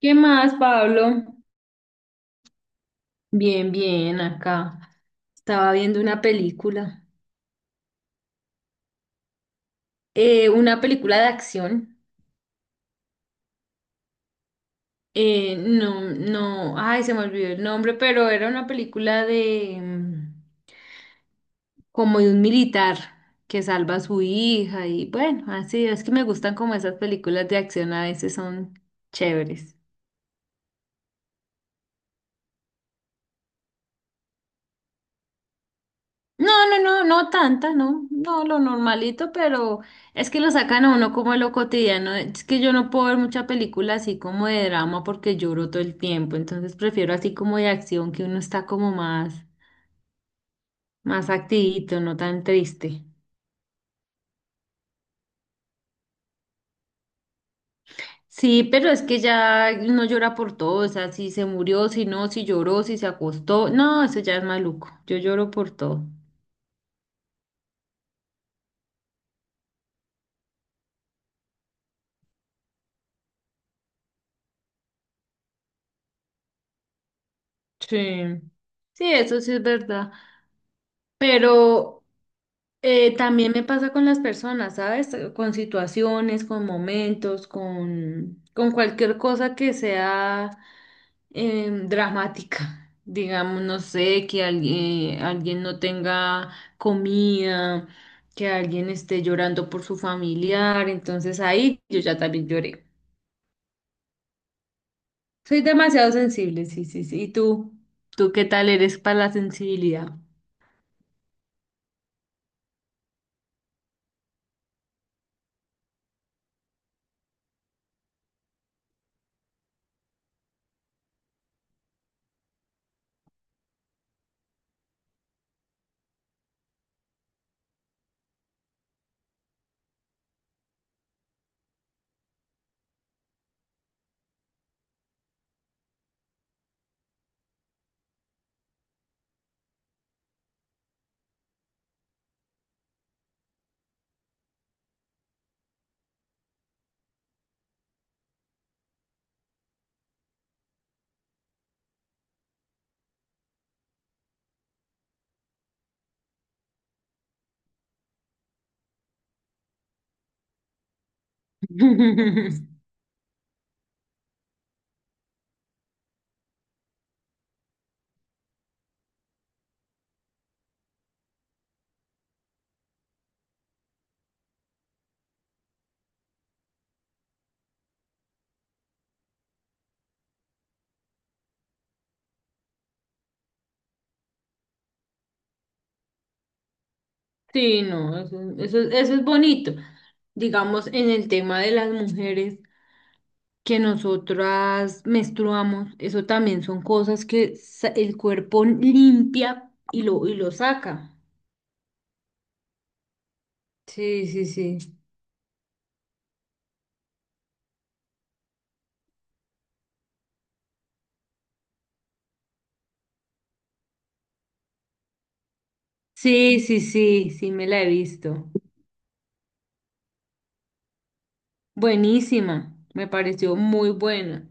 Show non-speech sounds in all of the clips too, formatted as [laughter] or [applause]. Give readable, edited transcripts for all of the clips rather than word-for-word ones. ¿Qué más, Pablo? Bien, bien, acá. Estaba viendo una película de acción. No, no, ay, se me olvidó el nombre, pero era una película de como de un militar que salva a su hija y bueno, así es que me gustan como esas películas de acción, a veces son chéveres. No, no, no, no tanta, no, no, lo normalito, pero es que lo sacan a uno como de lo cotidiano. Es que yo no puedo ver mucha película así como de drama porque lloro todo el tiempo, entonces prefiero así como de acción que uno está como más, más activito, no tan triste. Sí, pero es que ya uno llora por todo, o sea, si se murió, si no, si lloró, si se acostó, no, eso ya es maluco, yo lloro por todo. Sí, sí, eso sí es verdad. Pero también me pasa con las personas, ¿sabes? Con situaciones, con momentos, con cualquier cosa que sea dramática. [laughs] Digamos, no sé, que alguien, alguien no tenga comida, que alguien esté llorando por su familiar. Entonces ahí yo ya también lloré. Soy demasiado sensible, sí, sí, sí. ¿Y tú? ¿Tú qué tal eres para la sensibilidad? [laughs] Sí, no, eso es bonito. Digamos, en el tema de las mujeres que nosotras menstruamos, eso también son cosas que sa- el cuerpo limpia y lo saca. Sí, sí, sí. Sí, sí, sí, sí, me la he visto. Buenísima, me pareció muy buena.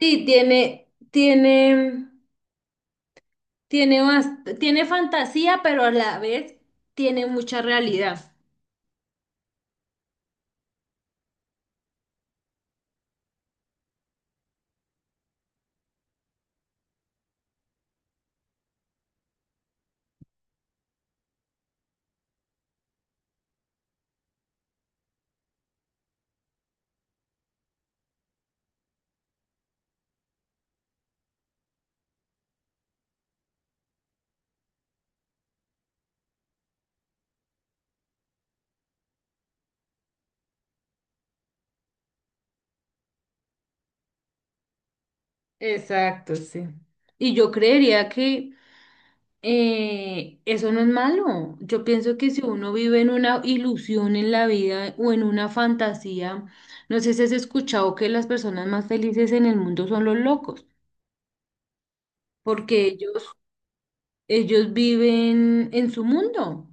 Sí, tiene, tiene, tiene, bast- tiene fantasía, pero a la vez tiene mucha realidad. Exacto, sí. Y yo creería que eso no es malo. Yo pienso que si uno vive en una ilusión en la vida o en una fantasía, no sé si has escuchado que las personas más felices en el mundo son los locos, porque ellos viven en su mundo.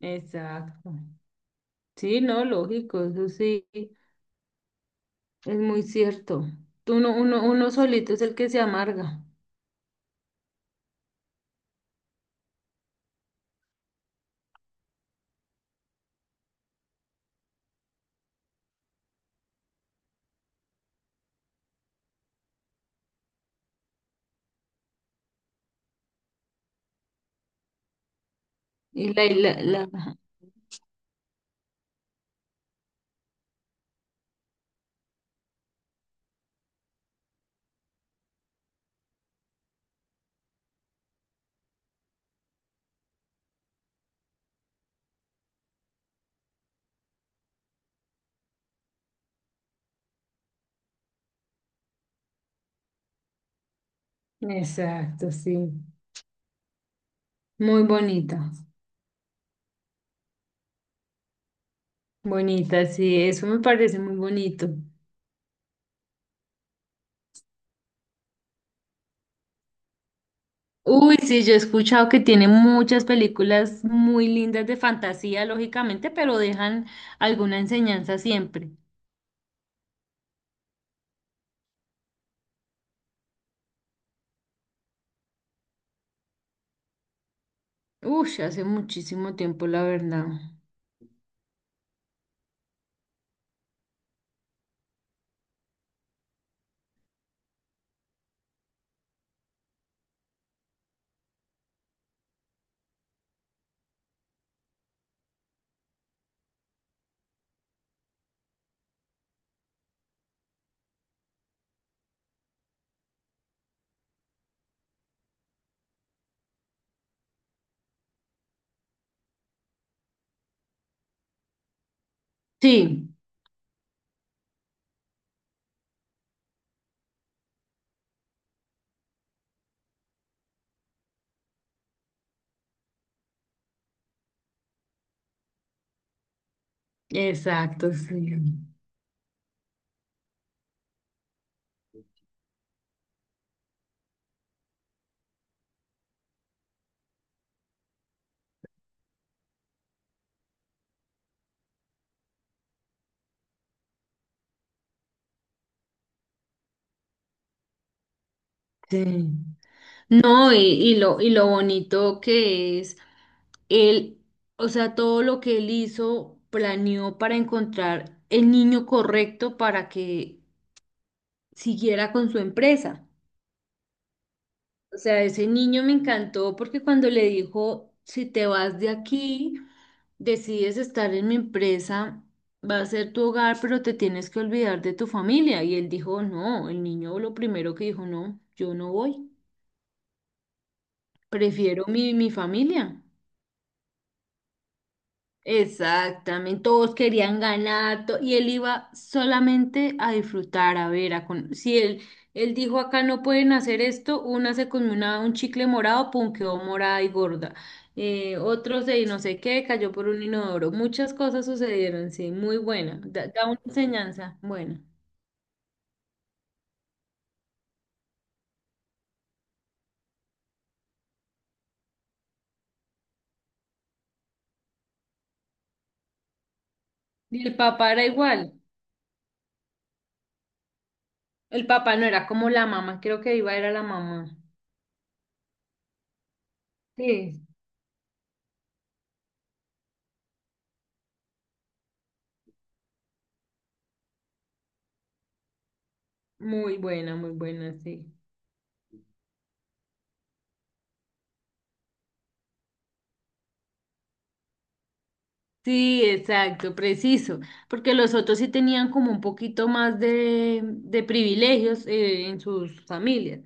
Exacto. Sí, no, lógico, eso sí, es muy cierto. Tú no- uno solito es el que se amarga. Y la, la... Exacto, sí. Muy bonita, bonita, sí, eso me parece muy bonito. Uy, sí, yo he escuchado que tiene muchas películas muy lindas de fantasía, lógicamente, pero dejan alguna enseñanza siempre. Uy, hace muchísimo tiempo, la verdad. Sí, exacto, sí. Sí. No, y lo, y lo bonito que es él, o sea, todo lo que él hizo, planeó para encontrar el niño correcto para que siguiera con su empresa. O sea, ese niño me encantó porque cuando le dijo, si te vas de aquí, decides estar en mi empresa, va a ser tu hogar, pero te tienes que olvidar de tu familia. Y él dijo, no, el niño lo primero que dijo, no, yo no voy, prefiero mi, mi familia. Exactamente, todos querían ganar to- y él iba solamente a disfrutar, a ver, a con- si él, él dijo acá no pueden hacer esto, una se comió una- un chicle morado, pum, quedó morada y gorda, otro se no sé qué, cayó por un inodoro, muchas cosas sucedieron, sí, muy buena, da, da una enseñanza, buena. Y el papá era igual, el papá no era como la mamá, creo que iba era la mamá. Sí, muy buena, sí. Sí, exacto, preciso, porque los otros sí tenían como un poquito más de privilegios en sus familias.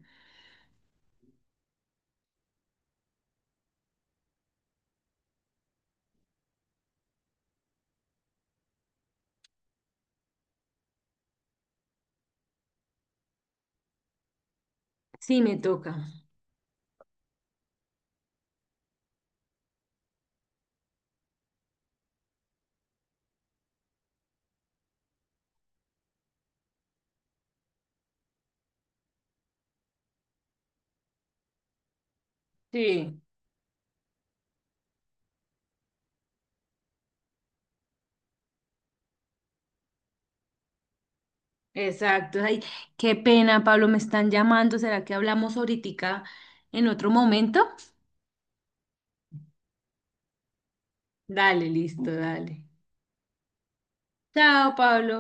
Sí, me toca. Sí, exacto. Ay, qué pena, Pablo, me están llamando. ¿Será que hablamos ahorita en otro momento? Dale, listo, dale. Chao, Pablo.